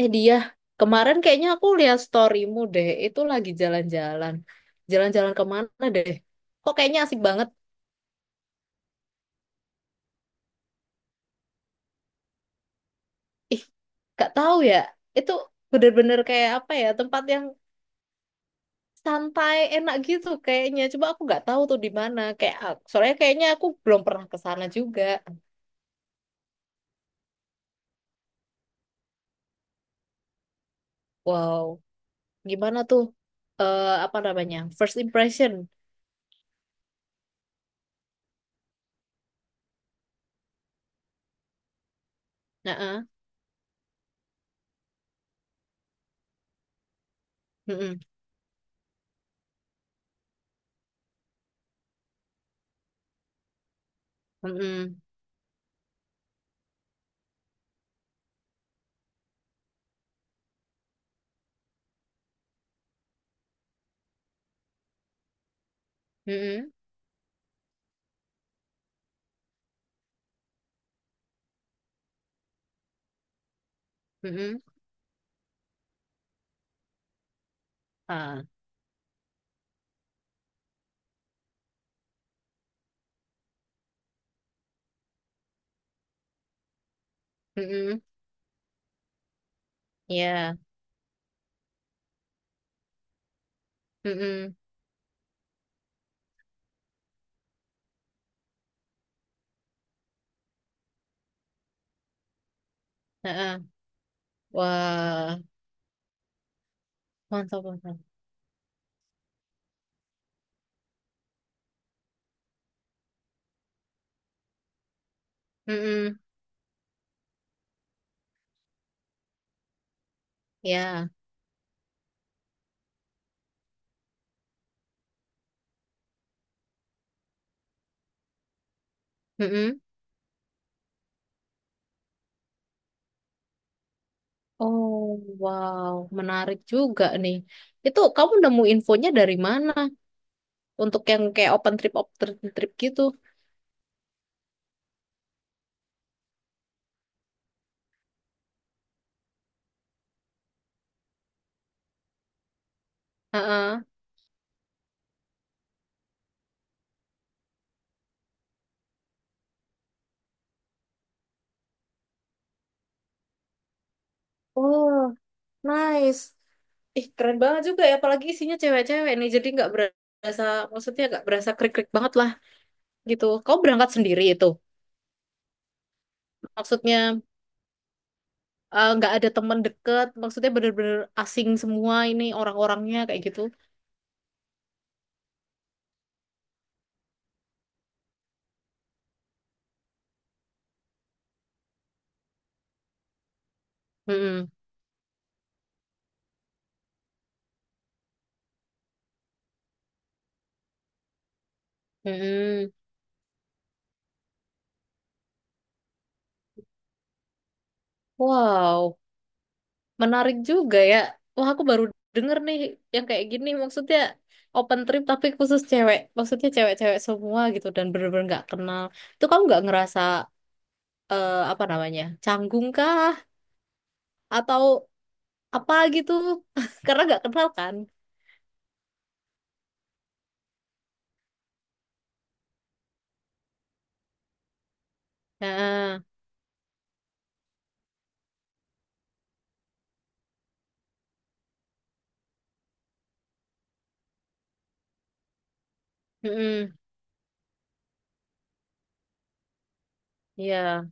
Eh dia, kemarin kayaknya aku lihat storymu deh, itu lagi jalan-jalan. Jalan-jalan kemana deh? Kok kayaknya asik banget? Ih, gak tahu ya. Itu bener-bener kayak apa ya, tempat yang santai, enak gitu kayaknya. Coba aku nggak tahu tuh di mana. Kayak soalnya kayaknya aku belum pernah ke sana juga. Wow, gimana tuh? Eh apa namanya? First impression. Nah, ah. Mm-mm. Mm-mm. Mm-mm. Mm-mm. Ah. Mm-mm. Ya. Mm-mm. Heeh. Wah, mantap, mantap. Mm-mm, ya. Mm-mm. Oh, wow, menarik juga nih. Itu kamu nemu infonya dari mana? Untuk yang kayak open trip gitu. Heeh. Oh, nice. Ih, keren banget juga ya. Apalagi isinya cewek-cewek nih. Jadi nggak berasa, maksudnya nggak berasa krik-krik banget lah gitu. Kamu berangkat sendiri itu. Maksudnya nggak ada teman deket. Maksudnya bener-bener asing semua ini orang-orangnya kayak gitu. Mm-mm. Mm-mm. Wow, menarik juga ya. Wah, aku baru denger nih yang kayak gini. Maksudnya open trip tapi khusus cewek. Maksudnya cewek-cewek semua gitu dan bener-bener nggak kenal. Itu kamu nggak ngerasa apa namanya canggung kah atau apa gitu? Karena nggak kenal kan. Nah, mm-mm. Iya,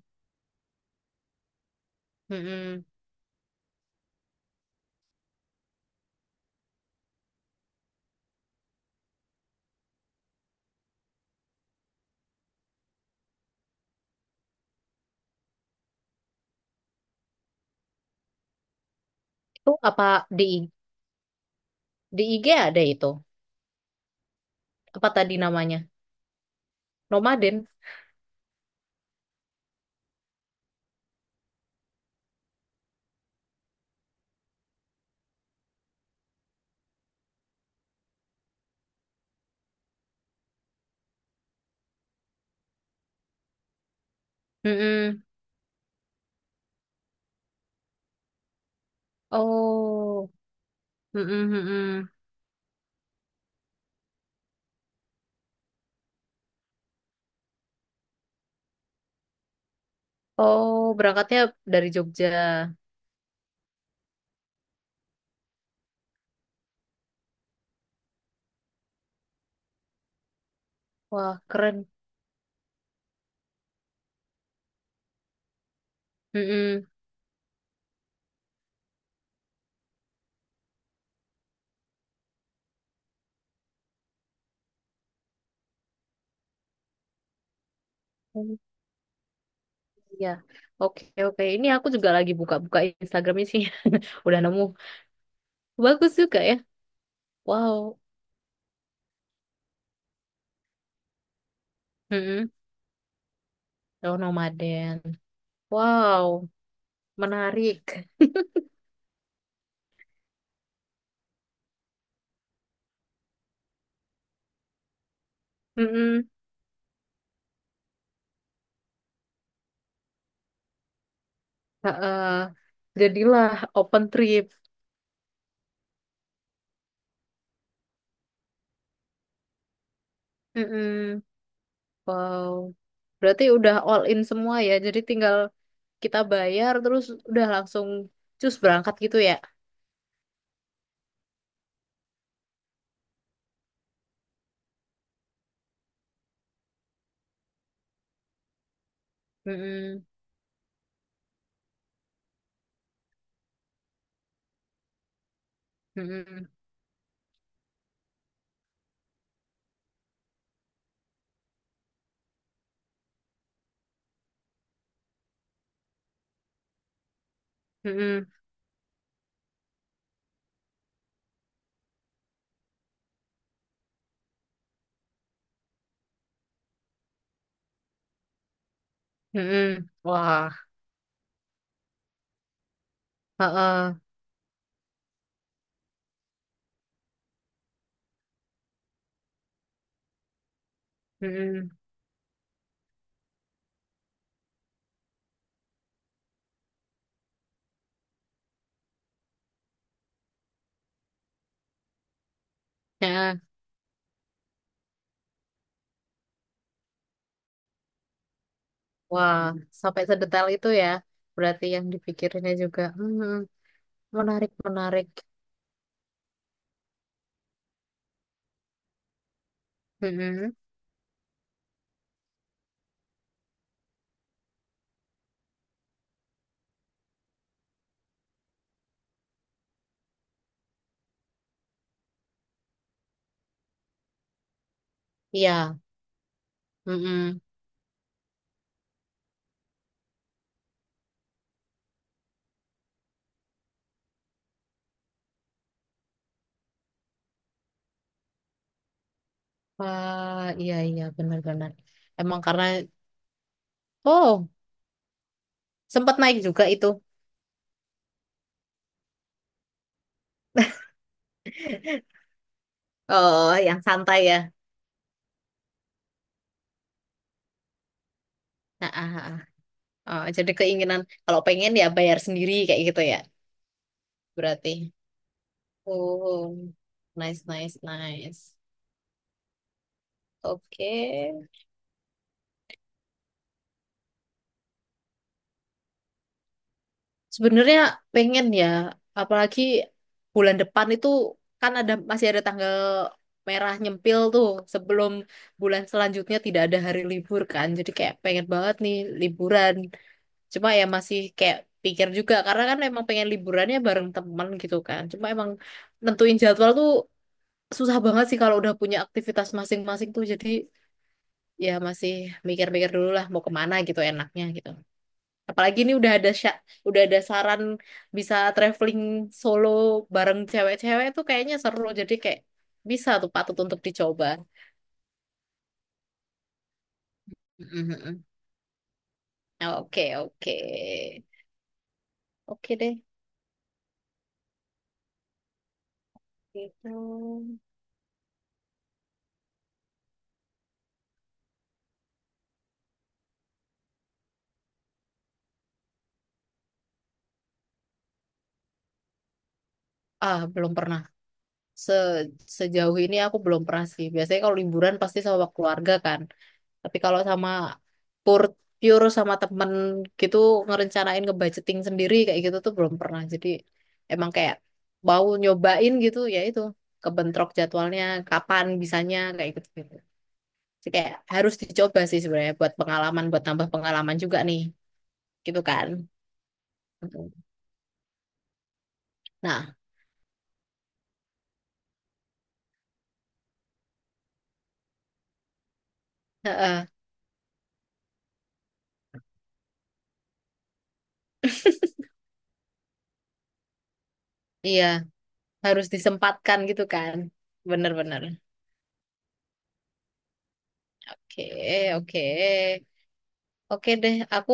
mm-mm. Itu apa di di IG ada itu? Apa tadi namanya? Nomaden. Mm-mm. Oh, mm-mm, mm-mm. Oh, berangkatnya dari Jogja. Wah, keren. Mm-mm. Oh, iya. Oke, oke. Ini aku juga lagi buka-buka Instagram sih. Udah nemu. Bagus juga ya. Wow. Mm-mm. Oh, nomaden. Wow, menarik. Mm-mm. Ha-ah. Jadilah open trip. Mm-mm. Wow. Berarti udah all in semua ya. Jadi tinggal kita bayar terus udah langsung cus berangkat gitu ya. Mm-mm. Mm-mm. Mm-mm. Mm-mm. Wah, heeh. Mm-mm. Heeh. Wah, sampai sedetail itu ya. Berarti yang dipikirinnya juga. Mm-mm. Menarik, menarik. Mm-mm. Iya. Mm-mm. Wah, iya, iya, benar-benar. Emang karena, oh, sempat naik juga itu. Oh, yang santai ya. Nah, ah, ah, ah. Oh, jadi keinginan, kalau pengen ya bayar sendiri kayak gitu ya. Berarti. Oh, nice, nice, nice. Oke. Sebenarnya pengen ya, apalagi bulan depan itu kan ada masih ada tanggal merah nyempil tuh sebelum bulan selanjutnya tidak ada hari libur kan. Jadi kayak pengen banget nih liburan. Cuma ya masih kayak pikir juga karena kan emang pengen liburannya bareng teman gitu kan. Cuma emang nentuin jadwal tuh susah banget sih kalau udah punya aktivitas masing-masing tuh. Jadi ya masih mikir-mikir dulu lah mau kemana gitu enaknya gitu. Apalagi ini udah ada saran bisa traveling solo bareng cewek-cewek tuh kayaknya seru. Jadi kayak bisa tuh patut untuk dicoba. Mhm. Oke, oke. Oke deh. Gitu. Ah, belum pernah. Se- Sejauh ini aku belum pernah sih. Biasanya kalau liburan pasti sama keluarga kan. Tapi kalau sama pure, pure sama temen gitu ngerencanain ngebudgeting sendiri kayak gitu tuh belum pernah. Jadi emang kayak mau nyobain gitu ya itu kebentrok jadwalnya kapan bisanya kayak gitu gitu. Jadi kayak harus dicoba sih sebenarnya buat pengalaman buat tambah pengalaman juga nih gitu kan. Nah, heeh, iya harus disempatkan gitu kan. Bener-bener. Oke, oke. Oke deh, aku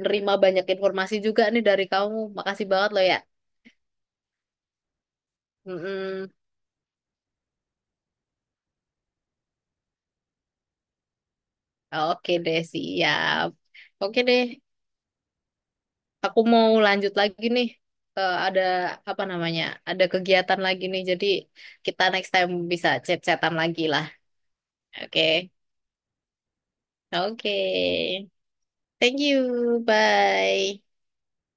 nerima banyak informasi juga nih dari kamu. Makasih banget loh ya. Mm-mm. Oke deh, siap. Oke deh, aku mau lanjut lagi nih. Eh, ada apa namanya? Ada kegiatan lagi nih. Jadi kita next time bisa chat-chatan lagi lah. Oke, oke. Thank you. Bye.